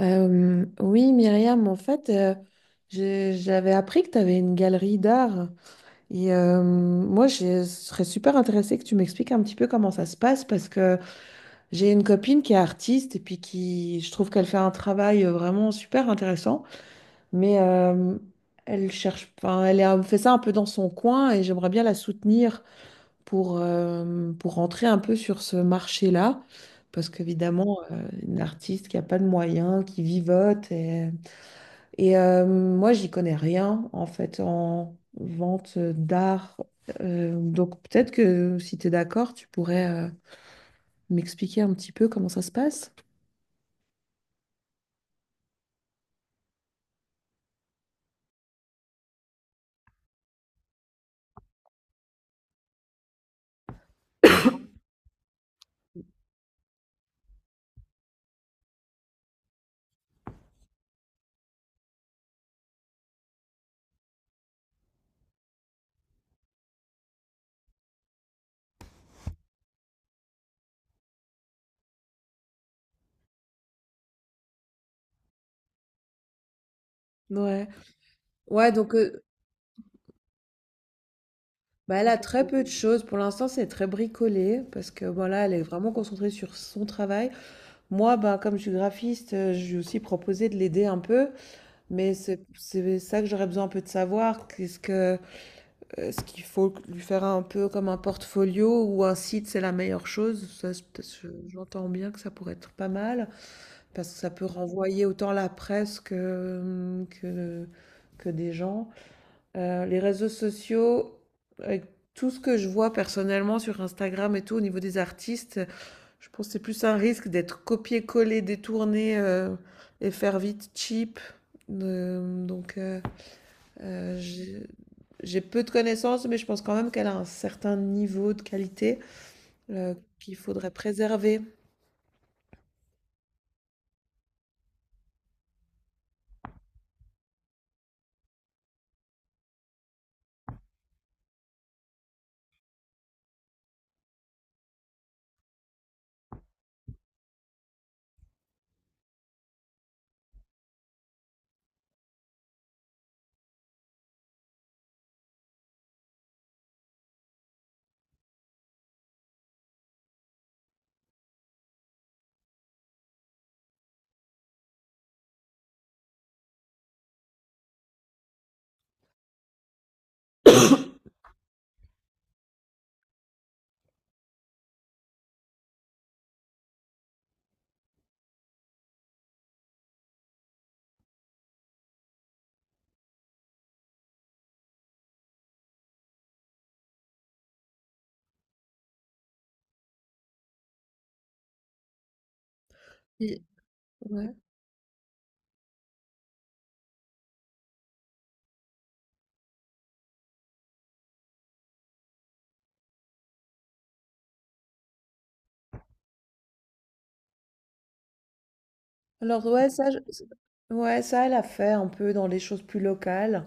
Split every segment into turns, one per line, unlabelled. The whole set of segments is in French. Oui, Myriam, en fait, j'avais appris que tu avais une galerie d'art. Et moi, je serais super intéressée que tu m'expliques un petit peu comment ça se passe parce que j'ai une copine qui est artiste et puis qui, je trouve qu'elle fait un travail vraiment super intéressant. Mais elle cherche, enfin, elle est fait ça un peu dans son coin et j'aimerais bien la soutenir pour rentrer un peu sur ce marché-là. Parce qu'évidemment, une artiste qui n'a pas de moyens, qui vivote, et moi, j'y connais rien en fait en vente d'art. Donc peut-être que si tu es d'accord, tu pourrais m'expliquer un petit peu comment ça se passe. Ouais, ouais, donc bah, elle a très peu de choses. Pour l'instant, c'est très bricolé parce que bon, là, elle est vraiment concentrée sur son travail. Moi, bah, comme je suis graphiste, je lui ai aussi proposé de l'aider un peu, mais c'est ça que j'aurais besoin un peu de savoir. Qu'est-ce que est-ce qu'il faut lui faire un peu comme un portfolio ou un site, c'est la meilleure chose? Ça, c'est j'entends bien que ça pourrait être pas mal parce que ça peut renvoyer autant la presse que des gens. Les réseaux sociaux, avec tout ce que je vois personnellement sur Instagram et tout, au niveau des artistes, je pense que c'est plus un risque d'être copié-collé, détourné et faire vite cheap. Euh, donc. euh, euh, j'ai j'ai peu de connaissances, mais je pense quand même qu'elle a un certain niveau de qualité euh, qu'il faudrait préserver. Et- ouais. Alors ouais, ça, ouais, ça, elle a fait un peu dans les choses plus locales.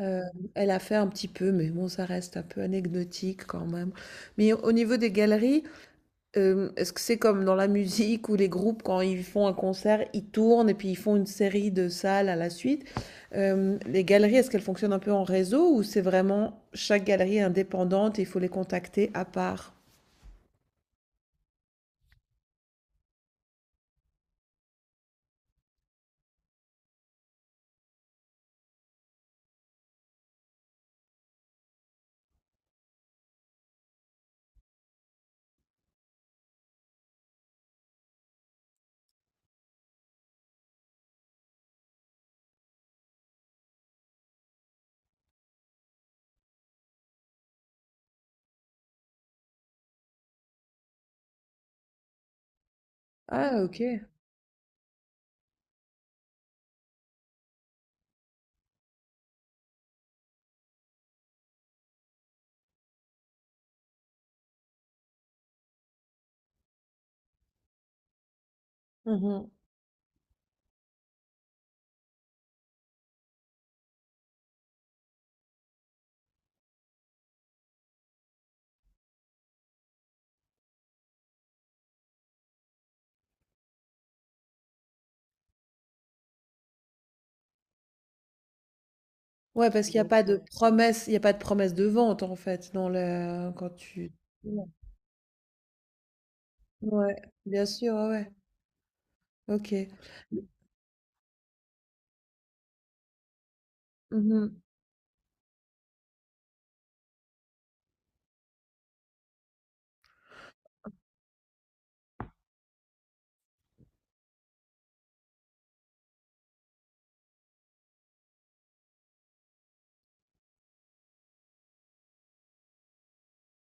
Euh, Elle a fait un petit peu, mais bon, ça reste un peu anecdotique quand même. Mais au niveau des galeries, est-ce que c'est comme dans la musique où les groupes, quand ils font un concert, ils tournent et puis ils font une série de salles à la suite? Les galeries, est-ce qu'elles fonctionnent un peu en réseau ou c'est vraiment chaque galerie est indépendante et il faut les contacter à part? Ah, OK. Mmh. Ouais, parce qu'il y a pas de promesse, de vente, en fait, dans le quand tu ouais, bien sûr, ouais, ouais. OK. Mmh.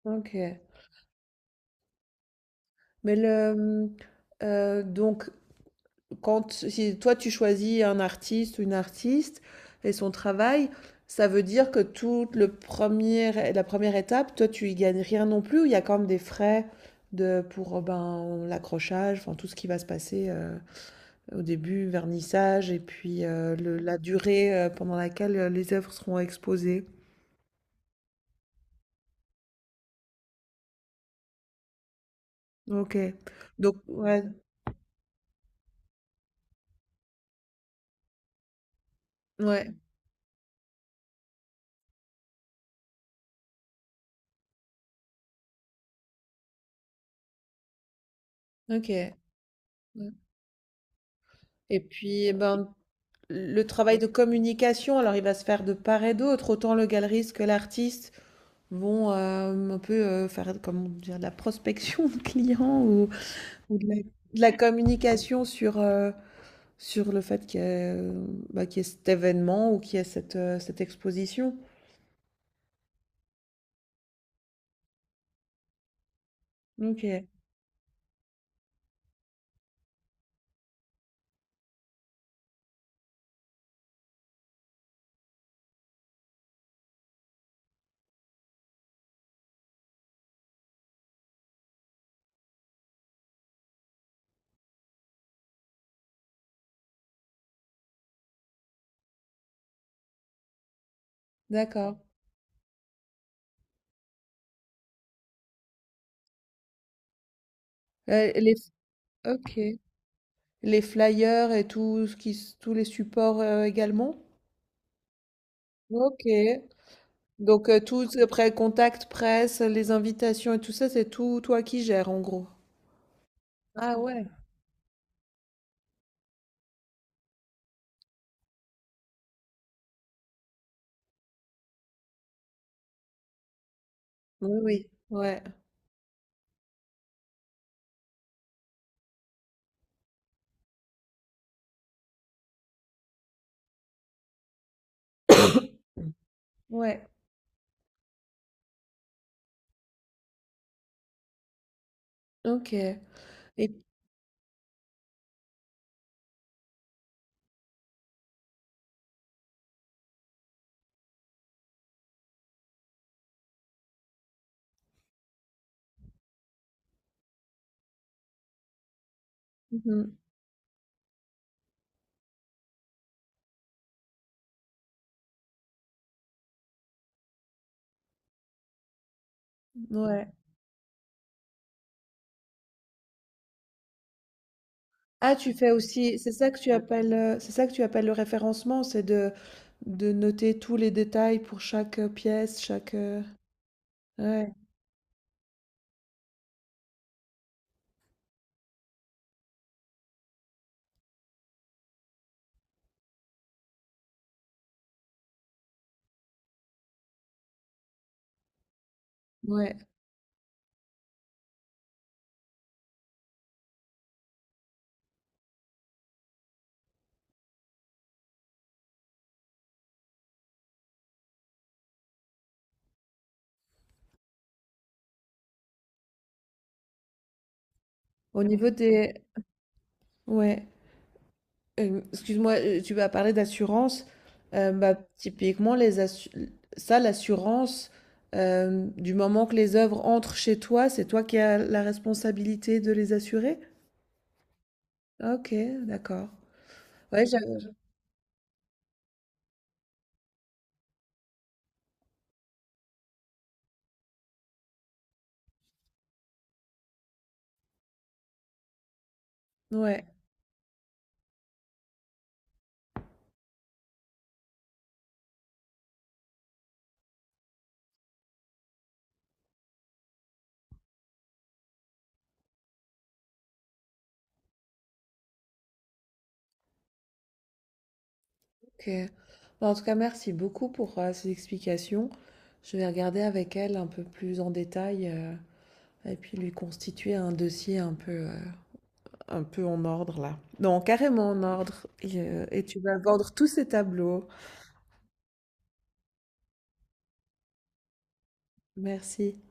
OK. Mais le, mmh, donc quand si toi tu choisis un artiste ou une artiste et son travail, ça veut dire que toute le premier, la première étape, toi tu y gagnes rien non plus, ou il y a quand même des frais de, pour ben, l'accrochage, enfin tout ce qui va se passer au début, vernissage, et puis la durée pendant laquelle les œuvres seront exposées. Ok. Donc, ouais, ouais, ok. Et puis, eh ben, le travail de communication, alors il va se faire de part et d'autre. Autant le galeriste que l'artiste vont un peu faire comment dire, de la prospection de clients ou de la communication sur, sur le fait qu'il y, ait, bah, qu'il y ait cet événement ou qu'il y ait cette, cette exposition. Ok, d'accord. Euh, les, ok. Les flyers et tout ce qui, tous les supports également. Ok, donc, après contact presse, les invitations et tout ça, c'est tout toi qui gères en gros. Ah ouais, oui, oui, ouais, ouais, ok. Et mhm, ouais. Ah, tu fais aussi, c'est ça que tu appelles le référencement, c'est de noter tous les détails pour chaque pièce, chaque. Ouais, ouais. Au niveau des. Ouais. Excuse-moi, tu vas parler d'assurance, bah, typiquement les assu ça l'assurance, du moment que les œuvres entrent chez toi, c'est toi qui as la responsabilité de les assurer? OK, d'accord. Ouais, j'av ouais, OK. Bah, en tout cas, merci beaucoup pour, ces explications. Je vais regarder avec elle un peu plus en détail, et puis lui constituer un dossier un peu en ordre là. Non, carrément en ordre et tu vas vendre tous ces tableaux. Merci.